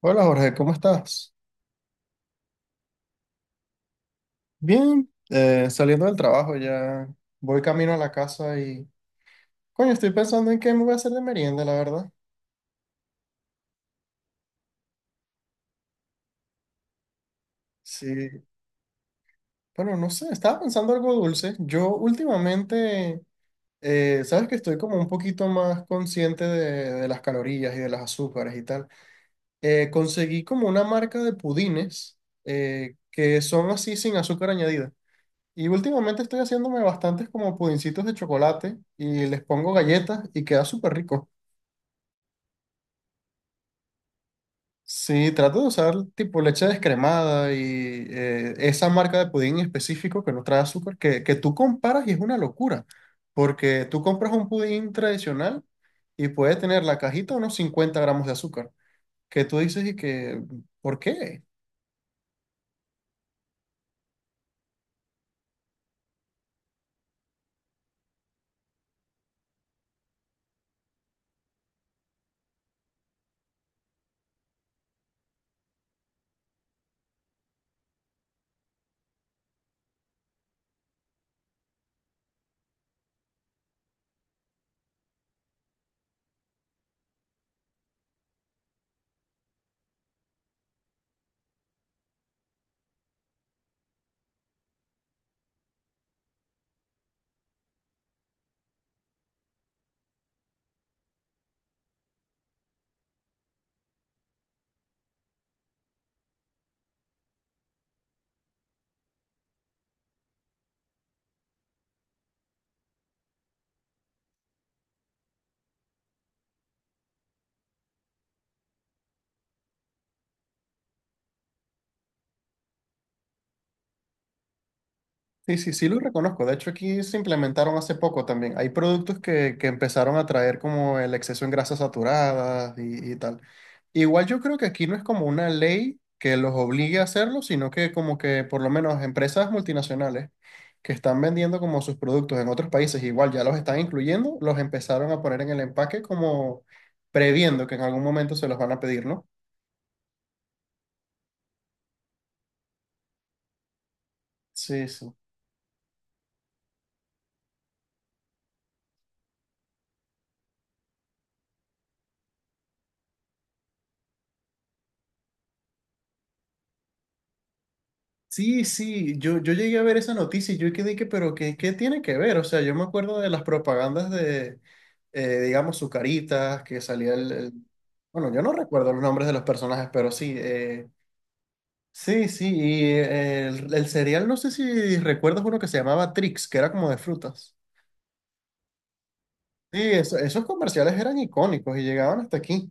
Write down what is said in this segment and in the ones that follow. Hola Jorge, ¿cómo estás? Bien, saliendo del trabajo ya voy camino a la casa y coño, estoy pensando en qué me voy a hacer de merienda, la verdad. Sí, bueno, no sé, estaba pensando algo dulce. Yo últimamente, sabes que estoy como un poquito más consciente de las calorías y de las azúcares y tal. Conseguí como una marca de pudines que son así sin azúcar añadida. Y últimamente estoy haciéndome bastantes como pudincitos de chocolate y les pongo galletas y queda súper rico. Sí, trato de usar tipo leche descremada y esa marca de pudín en específico que no trae azúcar, que tú comparas y es una locura, porque tú compras un pudín tradicional y puede tener la cajita unos 50 gramos de azúcar, que tú dices y que, ¿por qué? Sí, sí, sí lo reconozco. De hecho, aquí se implementaron hace poco también. Hay productos que empezaron a traer como el exceso en grasas saturadas y tal. Igual yo creo que aquí no es como una ley que los obligue a hacerlo, sino que como que por lo menos empresas multinacionales que están vendiendo como sus productos en otros países, igual ya los están incluyendo, los empezaron a poner en el empaque como previendo que en algún momento se los van a pedir, ¿no? Sí, sí. Sí, sí, yo llegué a ver esa noticia y yo quedé que, pero ¿qué, qué tiene que ver? O sea, yo me acuerdo de las propagandas de, digamos, Zucaritas, que salía bueno, yo no recuerdo los nombres de los personajes, pero sí. Sí, sí, y el cereal, no sé si recuerdas uno que se llamaba Trix, que era como de frutas. Sí, eso- esos comerciales eran icónicos y llegaban hasta aquí.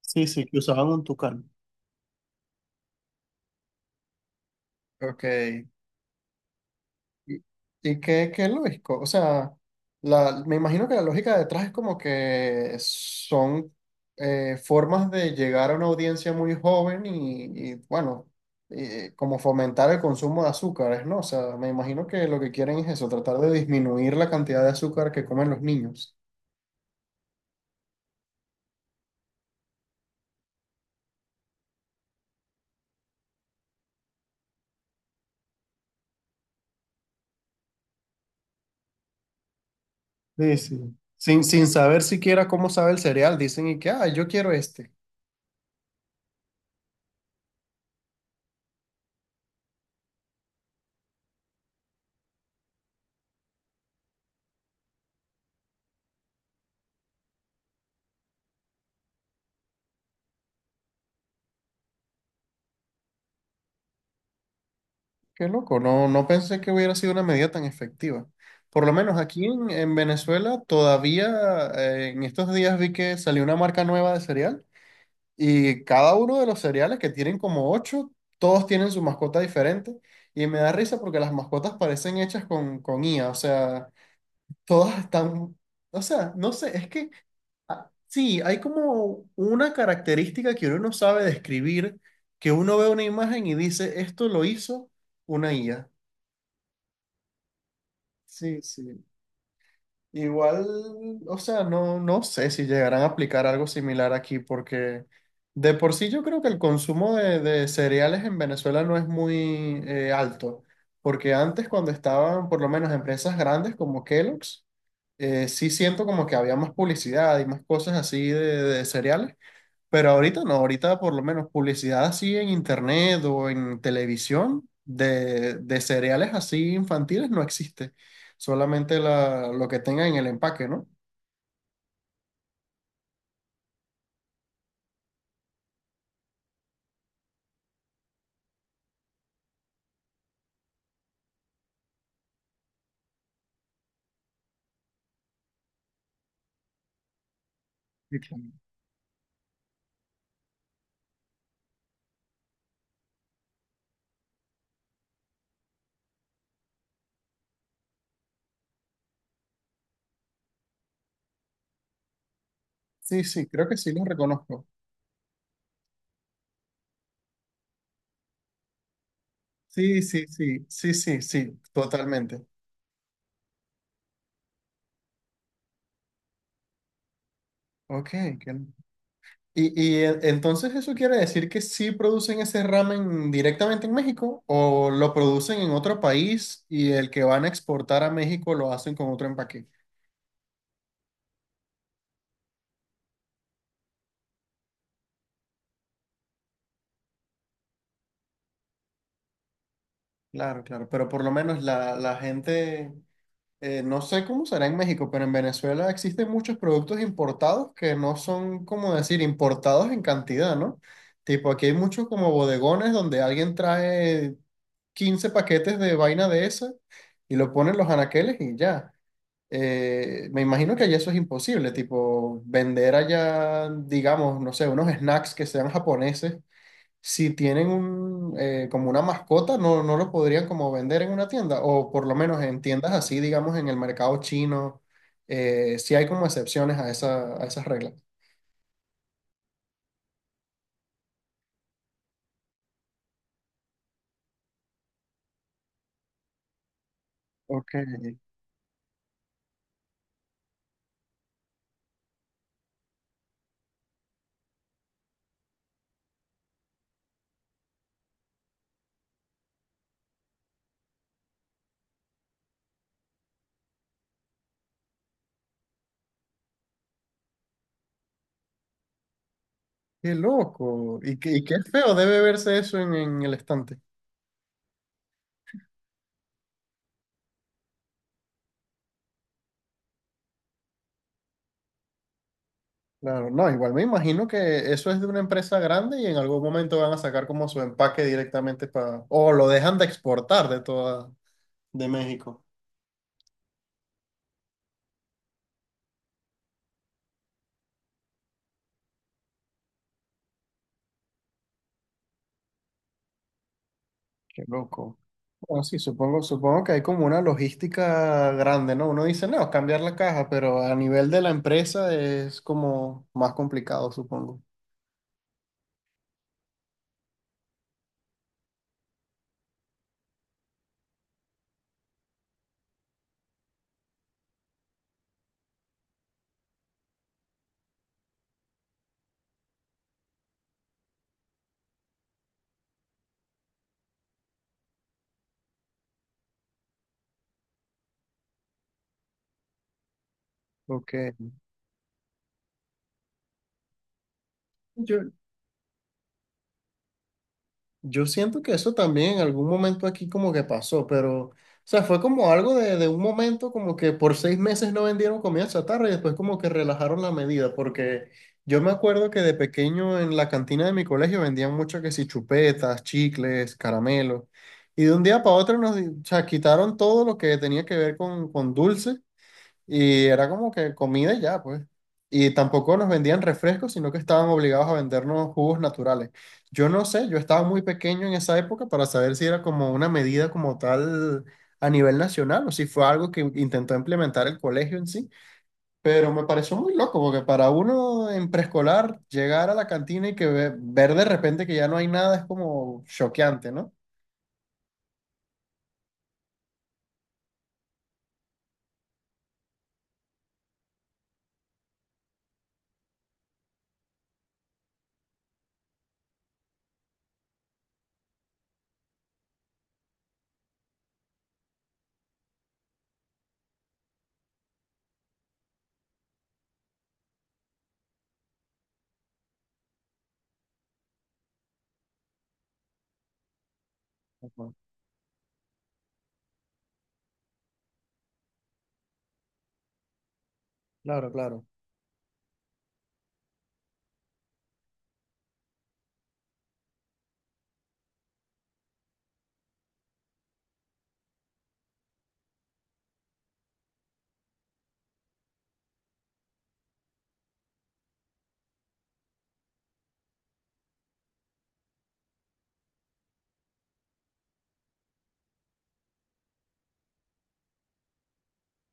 Sí, sí, que usaban un tucán. Ok. ¿Y, y qué, qué lógico? O sea, la, me imagino que la lógica detrás es como que son formas de llegar a una audiencia muy joven y, bueno, como fomentar el consumo de azúcares, ¿no? O sea, me imagino que lo que quieren es eso, tratar de disminuir la cantidad de azúcar que comen los niños. Sí, sí. Sin saber siquiera cómo sabe el cereal, dicen y que, ah, yo quiero este. Qué loco, no, no pensé que hubiera sido una medida tan efectiva. Por lo menos aquí en Venezuela todavía en estos días vi que salió una marca nueva de cereal y cada uno de los cereales que tienen como 8, todos tienen su mascota diferente y me da risa porque las mascotas parecen hechas con IA, o sea, todas están, o sea, no sé, es que sí, hay como una característica que uno no sabe describir, que uno ve una imagen y dice, esto lo hizo una IA. Sí, sí. Igual, o sea, no, no sé si llegarán a aplicar algo similar aquí, porque de por sí yo creo que el consumo de cereales en Venezuela no es muy alto, porque antes cuando estaban por lo menos empresas grandes como Kellogg's, sí siento como que había más publicidad y más cosas así de cereales, pero ahorita no, ahorita por lo menos publicidad así en internet o en televisión de cereales así infantiles no existe. Solamente la, lo que tenga en el empaque, ¿no? Sí, claro. Sí, sí, creo que sí los reconozco. Sí, sí, sí, sí, sí, sí, totalmente. Ok. Que- y e- entonces eso quiere decir que sí producen ese ramen directamente en México o lo producen en otro país y el que van a exportar a México lo hacen con otro empaque. Claro, claro, pero por lo menos la gente, no sé cómo será en México, pero en Venezuela existen muchos productos importados que no son, como decir, importados en cantidad, ¿no? Tipo, aquí hay muchos como bodegones donde alguien trae 15 paquetes de vaina de esa y lo ponen los anaqueles y ya. Me imagino que allá eso es imposible, tipo, vender allá, digamos, no sé, unos snacks que sean japoneses si tienen un, como una mascota, no, no lo podrían como vender en una tienda, o por lo menos en tiendas así, digamos, en el mercado chino, sí hay como excepciones a esa, a esas reglas. Ok, qué loco. Y qué feo debe verse eso en el estante. Claro, no, igual me imagino que eso es de una empresa grande y en algún momento van a sacar como su empaque directamente para, o lo dejan de exportar de toda, de México. Qué loco. Bueno, sí, supongo, supongo que hay como una logística grande, ¿no? Uno dice, no, es cambiar la caja, pero a nivel de la empresa es como más complicado, supongo. Ok. Yo, Yo siento que eso también en algún momento aquí como que pasó, pero, o sea, fue como algo de un momento como que por 6 meses no vendieron comida chatarra y después como que relajaron la medida, porque yo me acuerdo que de pequeño en la cantina de mi colegio vendían mucho que si chupetas, chicles, caramelos, y de un día para otro nos di- o sea, quitaron todo lo que tenía que ver con dulce. Y era como que comida y ya, pues. Y tampoco nos vendían refrescos, sino que estaban obligados a vendernos jugos naturales. Yo no sé, yo estaba muy pequeño en esa época para saber si era como una medida como tal a nivel nacional o si fue algo que intentó implementar el colegio en sí. Pero me pareció muy loco, porque para uno en preescolar llegar a la cantina y que ve- ver de repente que ya no hay nada es como choqueante, ¿no? Ujú. Claro, claro.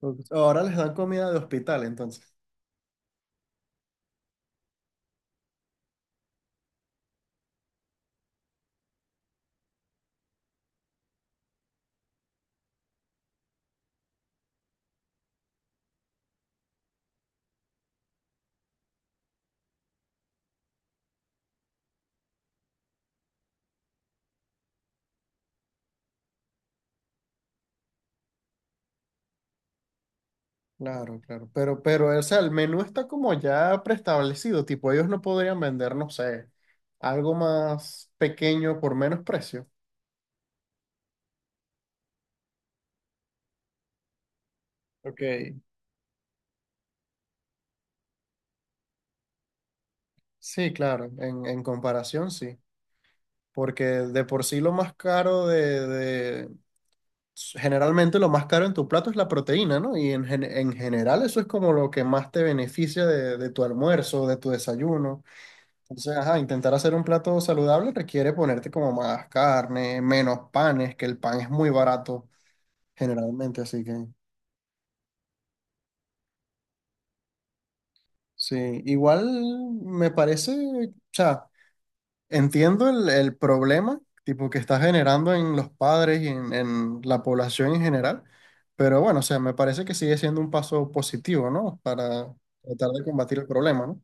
Porque ahora les dan comida de hospital, entonces. Claro, claro. Pero, o sea, el menú está como ya preestablecido. Tipo, ellos no podrían vender, no sé, algo más pequeño por menos precio. Ok, sí, claro, en comparación sí, porque de por sí lo más caro de- generalmente lo más caro en tu plato es la proteína, ¿no? Y en, gen- en general eso es como lo que más te beneficia de tu almuerzo, de tu desayuno. Entonces, ajá, intentar hacer un plato saludable requiere ponerte como más carne, menos panes, que el pan es muy barato. Generalmente, así que sí, igual me parece, o sea, entiendo el problema, tipo, que está generando en los padres y en la población en general, pero bueno, o sea, me parece que sigue siendo un paso positivo, ¿no? Para tratar de combatir el problema, ¿no?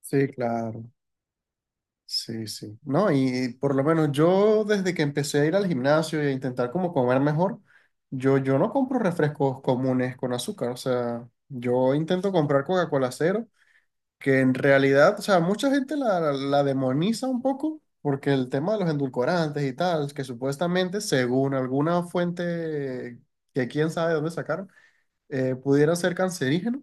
Sí, claro. Sí, sí. No, y por lo menos yo desde que empecé a ir al gimnasio y a intentar como comer mejor, yo no compro refrescos comunes con azúcar, o sea, yo intento comprar Coca-Cola cero que en realidad, o sea, mucha gente la, la demoniza un poco porque el tema de los endulcorantes y tal, que supuestamente, según alguna fuente que quién sabe dónde sacaron, pudieran ser cancerígenos,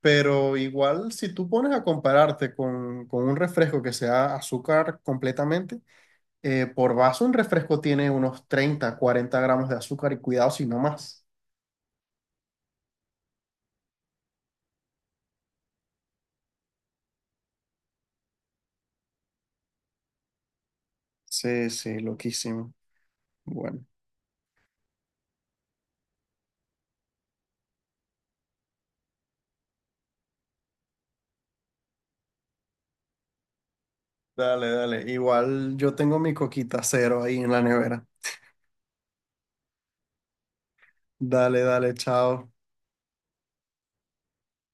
pero igual si tú pones a compararte con un refresco que sea azúcar completamente, por vaso un refresco tiene unos 30 40 gramos de azúcar y cuidado si no más. Sí, sí, loquísimo. Bueno. Dale, dale. Igual yo tengo mi coquita cero ahí en la nevera. Dale, dale, chao.